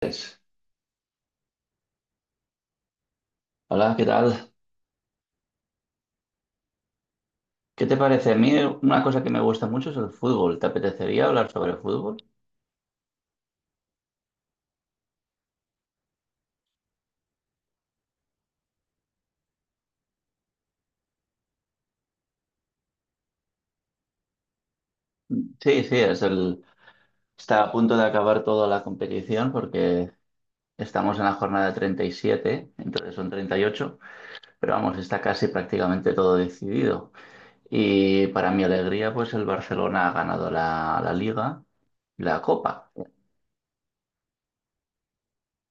Pues, hola, ¿qué tal? ¿Qué te parece? A mí una cosa que me gusta mucho es el fútbol. ¿Te apetecería hablar sobre fútbol? Sí, sí, está a punto de acabar toda la competición porque estamos en la jornada 37, entonces son 38, pero vamos, está casi prácticamente todo decidido. Y para mi alegría, pues el Barcelona ha ganado la Liga y la Copa.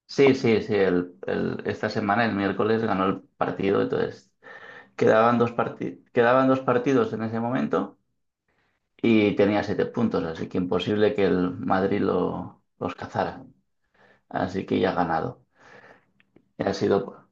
Sí, sí, sí, esta semana, el miércoles, ganó el partido, entonces quedaban quedaban dos partidos en ese momento y tenía 7 puntos, así que imposible que el Madrid los cazara. Así que ya ha ganado. Y Ha sido...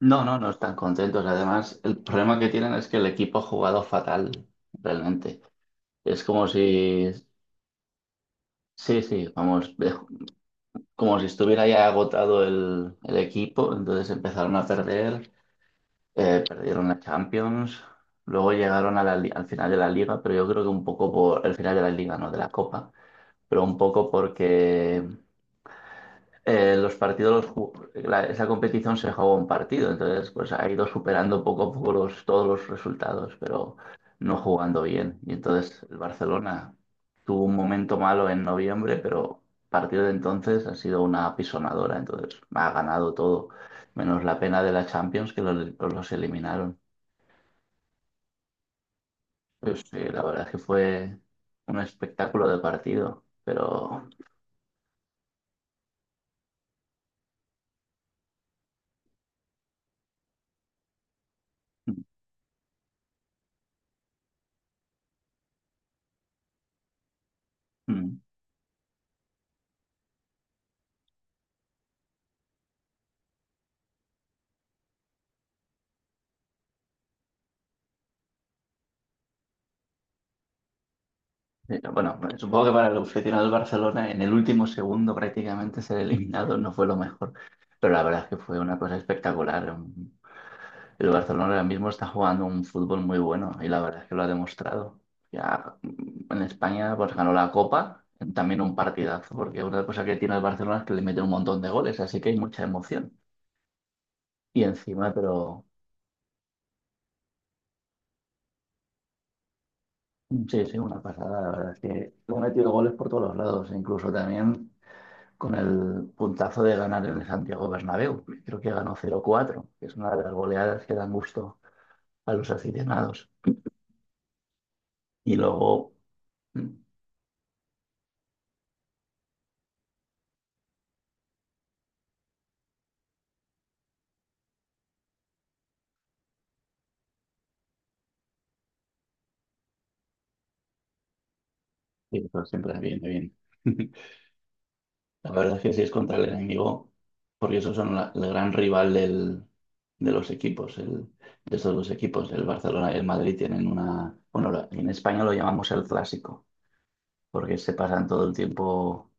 No, no, no están contentos. Además, el problema que tienen es que el equipo ha jugado fatal, realmente. Es como si... Sí, sí, vamos, como si estuviera ya agotado el equipo, entonces empezaron a perder. Perdieron la Champions, luego llegaron a al final de la liga, pero yo creo que un poco por el final de la liga, no de la Copa, pero un poco porque los partidos, esa competición se jugó un partido, entonces pues ha ido superando poco a poco todos los resultados, pero no jugando bien. Y entonces el Barcelona tuvo un momento malo en noviembre, pero a partir de entonces ha sido una apisonadora, entonces ha ganado todo, menos la pena de la Champions que los eliminaron. Pues sí, la verdad es que fue un espectáculo de partido, pero mm, bueno, supongo que para el aficionado del Barcelona en el último segundo prácticamente ser eliminado no fue lo mejor, pero la verdad es que fue una cosa espectacular. El Barcelona ahora mismo está jugando un fútbol muy bueno y la verdad es que lo ha demostrado. Ya en España pues ganó la Copa, también un partidazo, porque una cosa que tiene el Barcelona es que le mete un montón de goles, así que hay mucha emoción. Y encima, pero Sí, sí, una pasada, la verdad es que ha metido goles por todos los lados, incluso también con el puntazo de ganar en el Santiago Bernabéu. Creo que ganó 0-4, que es una de las goleadas que dan gusto a los aficionados. Y luego, mm, sí, eso siempre viene bien. La verdad es que sí, es contra el enemigo, porque esos son el gran rival de los equipos, el- de estos dos equipos. El Barcelona y el Madrid tienen una, bueno, en España lo llamamos el clásico, porque se pasan todo el tiempo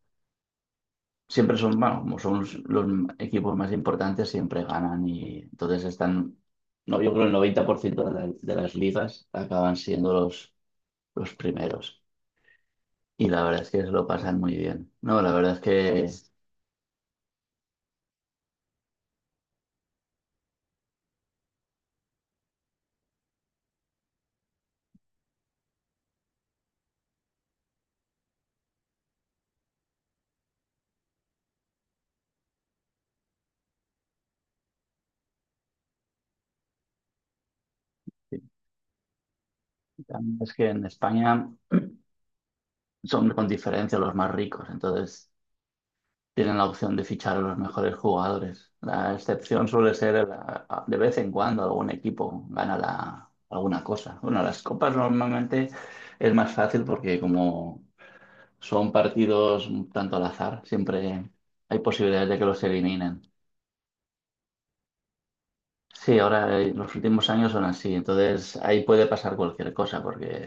siempre son, bueno, como son los equipos más importantes, siempre ganan y entonces están, no, yo creo el 90% de las ligas acaban siendo los primeros. Y la verdad es que se lo pasan muy bien. No, la verdad es que en España son con diferencia los más ricos, entonces tienen la opción de fichar a los mejores jugadores. La excepción suele ser de vez en cuando algún equipo gana alguna cosa. Bueno, las copas normalmente es más fácil porque como son partidos un tanto al azar, siempre hay posibilidades de que los eliminen. Sí, ahora los últimos años son así, entonces ahí puede pasar cualquier cosa porque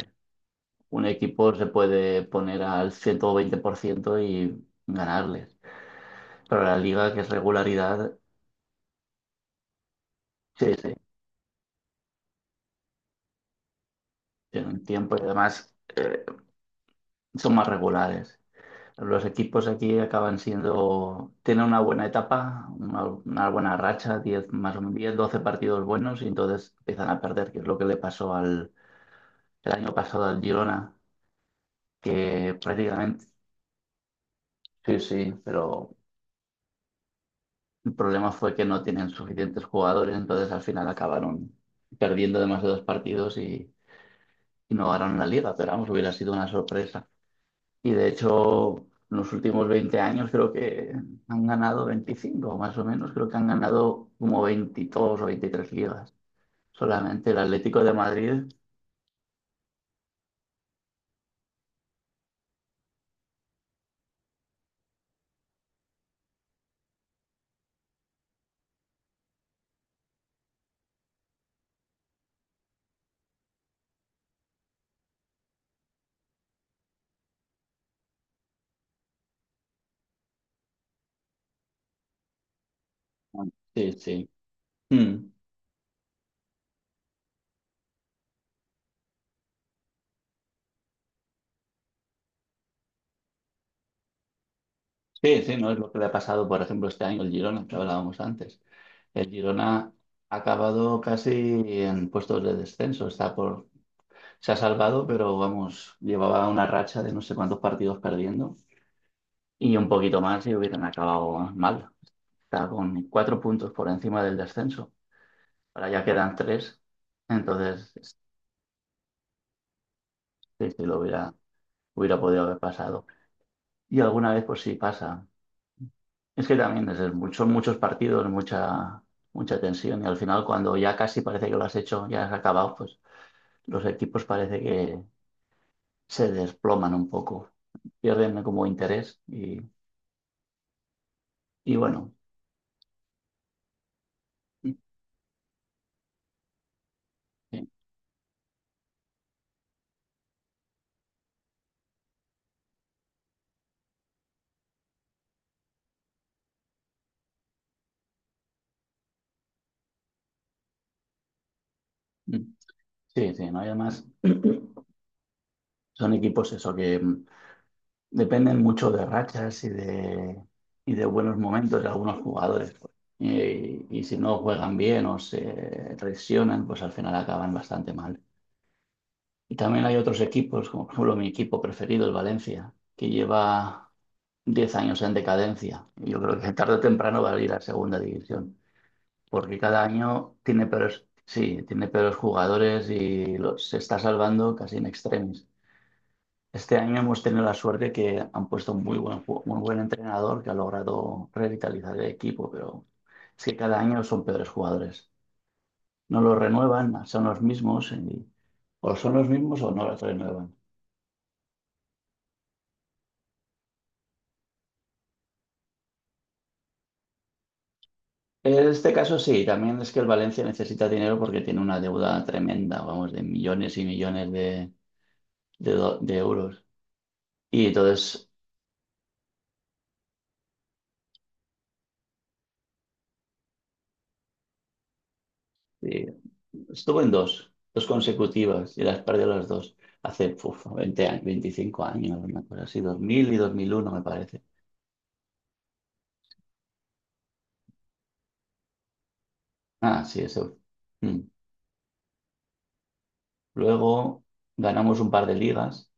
un equipo se puede poner al 120% y ganarles. Pero la liga, que es regularidad, sí, sí. En tiempo y además son más regulares. Los equipos aquí acaban siendo, tienen una buena etapa, una buena racha, 10 más o menos 10, 12 partidos buenos y entonces empiezan a perder, que es lo que le pasó el año pasado al Girona, que prácticamente, sí, sí, pero el problema fue que no tienen suficientes jugadores, entonces al final acabaron perdiendo demasiados partidos y no ganaron la liga, pero vamos, hubiera sido una sorpresa. Y de hecho, en los últimos 20 años creo que han ganado 25 más o menos, creo que han ganado como 22 o 23 ligas. Solamente el Atlético de Madrid. Sí, sí. Mm. Sí, sí, no es lo que le ha pasado, por ejemplo, este año el Girona, que hablábamos antes. El Girona ha acabado casi en puestos de descenso, se ha salvado, pero vamos, llevaba una racha de no sé cuántos partidos perdiendo y un poquito más y hubieran acabado mal. Está con 4 puntos por encima del descenso. Ahora ya quedan tres, entonces sí, hubiera podido haber pasado. Y alguna vez, pues sí pasa. Es que también es, son muchos partidos, mucha tensión, y al final, cuando ya casi parece que lo has hecho, ya has acabado, pues los equipos parece que se desploman un poco, pierden como interés, y bueno. Sí, sí, sí, no hay más. Son equipos eso que dependen mucho de rachas y de buenos momentos de algunos jugadores, pues. Y si no juegan bien o se lesionan, pues al final acaban bastante mal. Y también hay otros equipos, como por ejemplo mi equipo preferido, el Valencia, que lleva 10 años en decadencia. Y yo creo que tarde o temprano va a ir a segunda división, porque cada año tiene peores, sí, tiene peores jugadores y se está salvando casi en extremis. Este año hemos tenido la suerte que han puesto un muy un buen entrenador que ha logrado revitalizar el equipo, pero es que cada año son peores jugadores. No los renuevan, son los mismos, y o son los mismos o no los renuevan. En este caso sí, también es que el Valencia necesita dinero porque tiene una deuda tremenda, vamos, de millones y millones de euros. Y entonces, sí, estuve en dos, dos consecutivas y las perdí las dos hace uf, 20 años, 25 años, una cosa así, 2000 y 2001 me parece. Ah, sí, eso. Mm. Luego ganamos un par de ligas,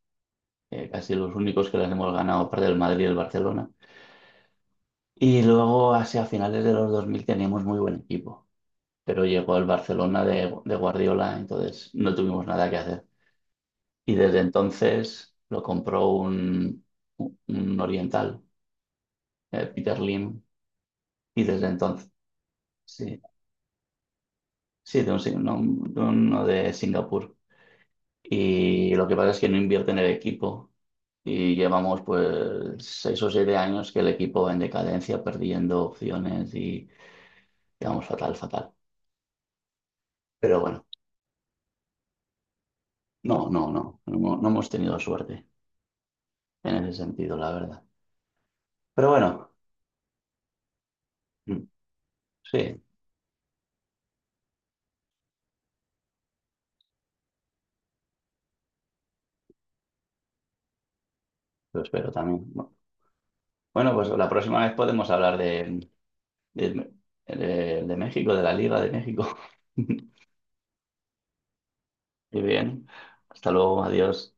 casi los únicos que las hemos ganado, aparte del Madrid y el Barcelona. Y luego, hacia finales de los 2000, teníamos muy buen equipo, pero llegó el Barcelona de Guardiola, entonces no tuvimos nada que hacer. Y desde entonces lo compró un oriental, Peter Lim. Y desde entonces, sí, sí, de, un sing- no, de uno de Singapur. Y lo que pasa es que no invierte en el equipo. Y llevamos pues seis o siete años que el equipo va en decadencia, perdiendo opciones y quedamos fatal, fatal. Pero bueno, no hemos tenido suerte en ese sentido, la verdad. Pero bueno, mm, sí, lo espero también. Bueno, pues la próxima vez podemos hablar de, de México, de la Liga de México. Muy bien. Hasta luego, adiós.